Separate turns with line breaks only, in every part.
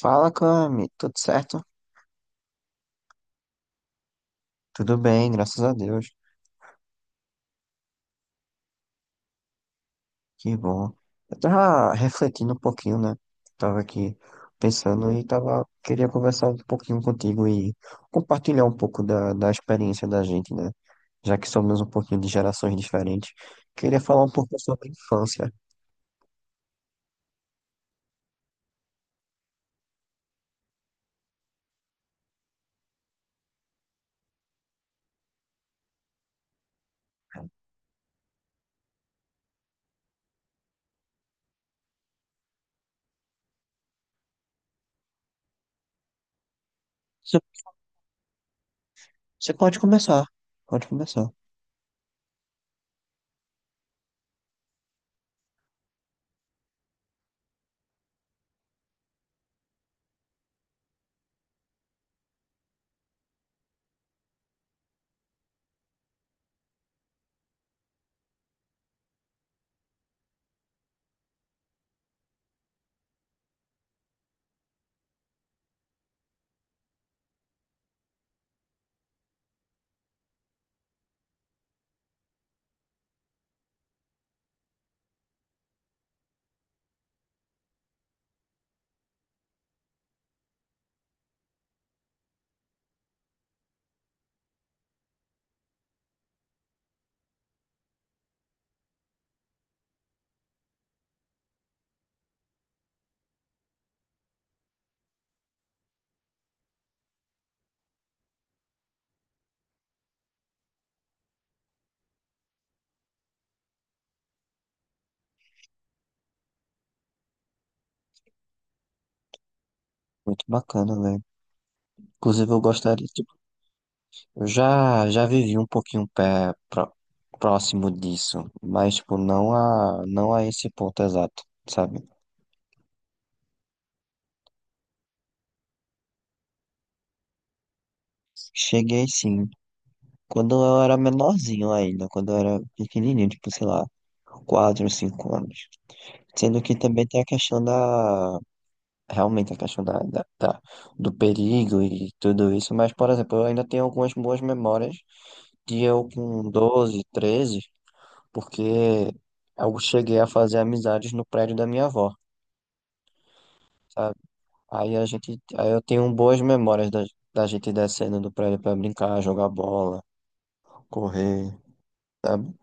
Fala, Cami, tudo certo? Tudo bem, graças a Deus. Que bom. Eu tava refletindo um pouquinho, né? Tava aqui pensando e tava, queria conversar um pouquinho contigo e compartilhar um pouco da experiência da gente, né? Já que somos um pouquinho de gerações diferentes. Queria falar um pouco sobre a infância. Você você pode começar, pode começar. Muito bacana, velho. Inclusive, eu gostaria. Eu já vivi um pouquinho próximo disso, mas tipo, não a, não a esse ponto exato, sabe? Cheguei sim, quando eu era menorzinho ainda, quando eu era pequenininho, tipo, sei lá, 4 5 anos. Sendo que também tem a questão da, realmente a questão da do perigo e tudo isso, mas, por exemplo, eu ainda tenho algumas boas memórias de eu com 12 13, porque eu cheguei a fazer amizades no prédio da minha avó. Aí a gente, aí eu tenho boas memórias da gente descendo do prédio pra brincar, jogar bola, correr, sabe?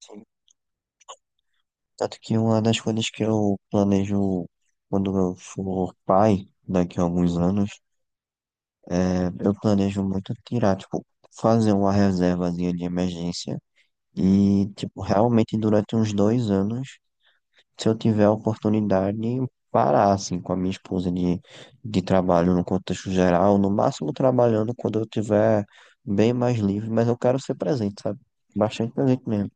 Sim. Tanto que uma das coisas que eu planejo quando eu for pai, daqui a alguns anos, é, eu planejo muito tirar, tipo, fazer uma reservazinha de emergência e, tipo, realmente durante uns 2 anos se eu tiver a oportunidade, parar assim com a minha esposa de trabalho no contexto geral, no máximo trabalhando quando eu tiver bem mais livre, mas eu quero ser presente, sabe? Bastante presente mesmo,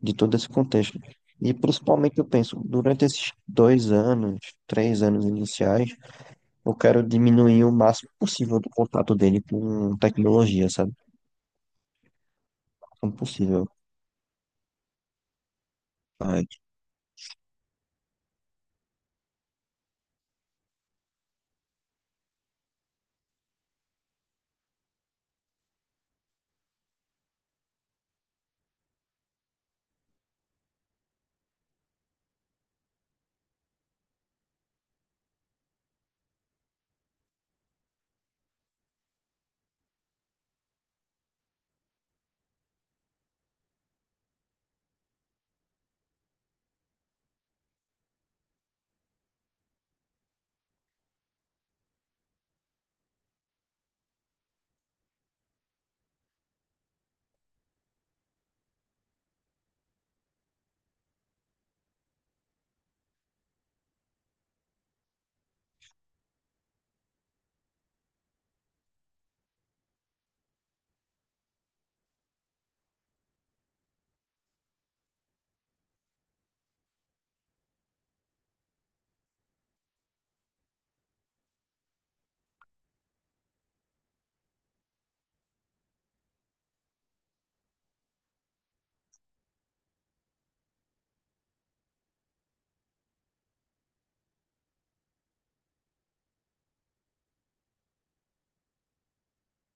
de todo esse contexto. E principalmente eu penso, durante esses 2 anos, 3 anos iniciais, eu quero diminuir o máximo possível do contato dele com tecnologia, sabe? Como possível. Ah, eu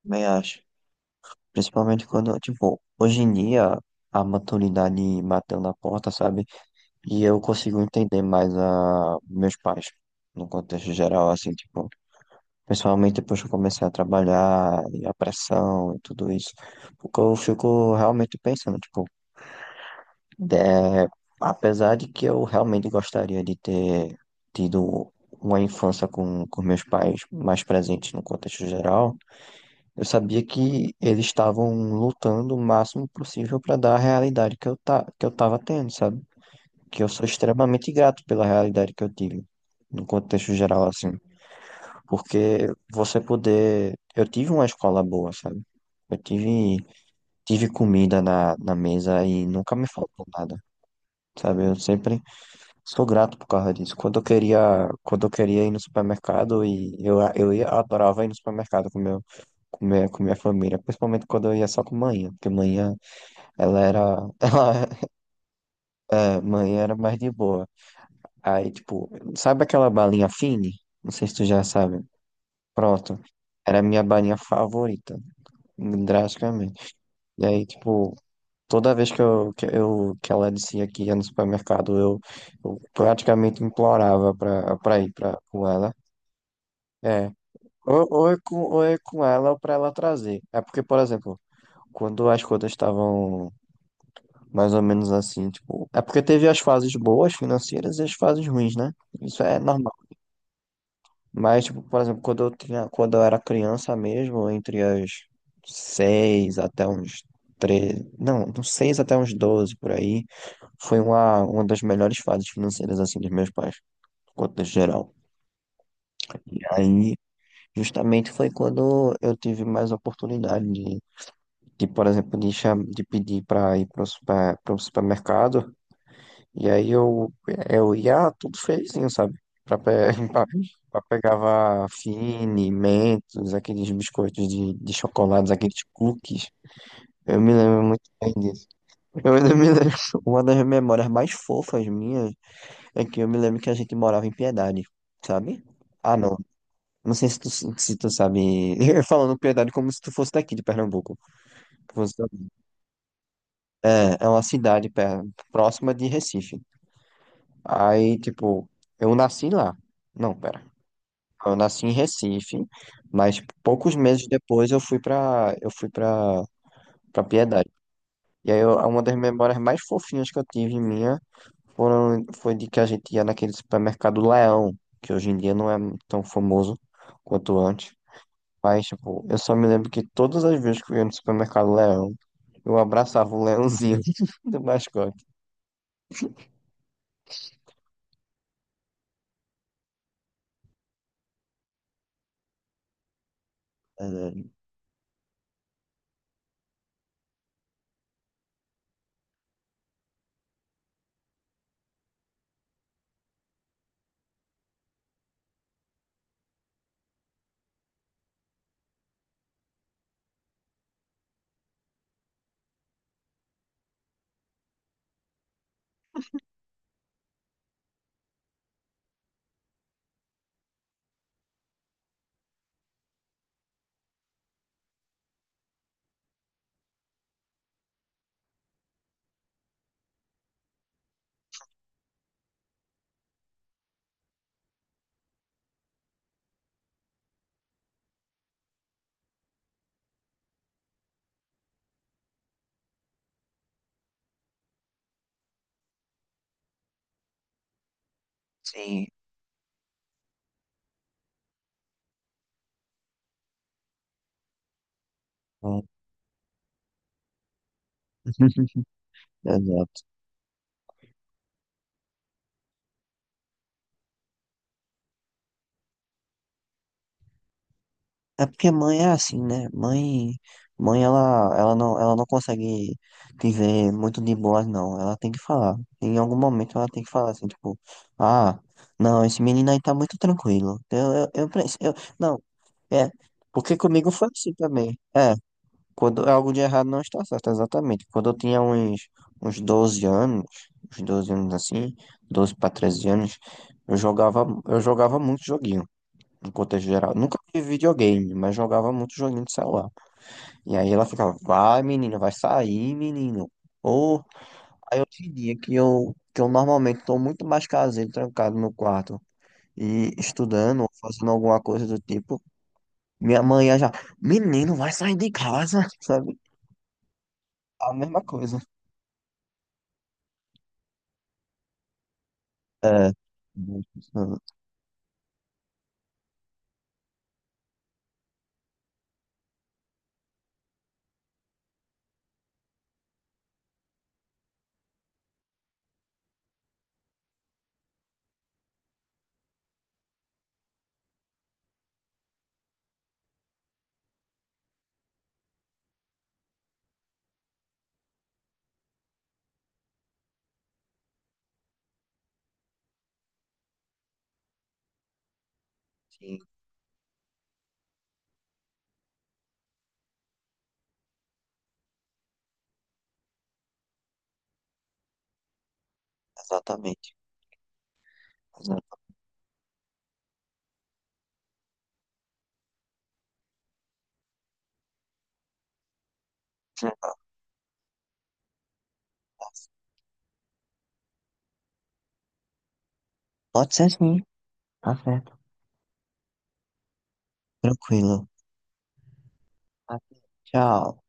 também acho. Principalmente quando, tipo, hoje em dia a maturidade bateu na porta, sabe? E eu consigo entender mais a meus pais, no contexto geral, assim, tipo, principalmente depois que eu comecei a trabalhar, e a pressão e tudo isso, porque eu fico realmente pensando, tipo, é, apesar de que eu realmente gostaria de ter tido uma infância com meus pais mais presentes no contexto geral, eu sabia que eles estavam lutando o máximo possível para dar a realidade que que eu tava tendo, sabe? Que eu sou extremamente grato pela realidade que eu tive, no contexto geral, assim, porque você poder. Eu tive uma escola boa, sabe? Eu tive comida na mesa e nunca me faltou nada, sabe? Eu sempre sou grato por causa disso. Quando eu queria ir no supermercado e eu ia, adorava ir no supermercado com meu, com minha família, principalmente quando eu ia só com manhã, porque manhã ela era, ela, é, mãe era mais de boa. Aí, tipo, sabe aquela balinha Fine? Não sei se tu já sabe. Pronto. Era a minha balinha favorita, drasticamente. E aí, tipo, toda vez que ela dizia que ia no supermercado, eu praticamente implorava pra, pra ir pra, com ela. É. Ou é com ela ou pra ela trazer. É porque, por exemplo, quando as coisas estavam mais ou menos assim, tipo. É porque teve as fases boas financeiras e as fases ruins, né? Isso é normal. Mas, tipo, por exemplo, quando eu tinha, quando eu era criança mesmo, entre as seis até uns 13, não, dos seis até uns 12 por aí, foi uma das melhores fases financeiras, assim, dos meus pais, no contexto geral. E aí, justamente foi quando eu tive mais oportunidade de por exemplo, de pedir para ir para o supermercado. E aí eu ia tudo feizinho, sabe? Pra, pe... pra, pra pegava Fini, Mentos, aqueles biscoitos de chocolates, aqueles cookies. Eu me lembro muito bem disso. Eu ainda me lembro. Uma das memórias mais fofas minhas é que eu me lembro que a gente morava em Piedade, sabe? Ah, não. Não sei se tu sabe. Eu falando Piedade como se tu fosse daqui de Pernambuco. Você- É, é uma cidade próxima de Recife. Aí, tipo, eu nasci lá. Não, pera. Eu nasci em Recife, mas poucos meses depois eu fui para Piedade. E aí eu- uma das memórias mais fofinhas que eu tive minha foram foi de que a gente ia naquele supermercado Leão, que hoje em dia não é tão famoso quanto antes. Mas, tipo, eu só me lembro que todas as vezes que eu ia no supermercado Leão, eu abraçava o leãozinho do mascote. Exato. Sim. Então, exato. É porque mãe é assim, né? Mãe, mãe ela não consegue te ver muito de boas, não. Ela tem que falar. Em algum momento ela tem que falar assim, tipo, ah, não, esse menino aí tá muito tranquilo. Eu não, é, porque comigo foi assim também. É, quando é algo de errado não está certo, exatamente. Quando eu tinha uns, uns 12 anos, uns 12 anos assim, 12 para 13 anos, eu jogava muito joguinho no contexto geral. Nunca tive videogame, mas jogava muito joguinho de celular. E aí ela ficava, vai, menino, vai sair, menino. Ou aí eu tinha que eu normalmente estou muito mais caseiro, trancado no quarto e estudando, ou fazendo alguma coisa do tipo. Minha mãe ia já, menino, vai sair de casa, sabe? A mesma coisa. É. Sim, exatamente. Exatamente. Pode ser sim, tá certo. Tranquilo. Tá. Tchau.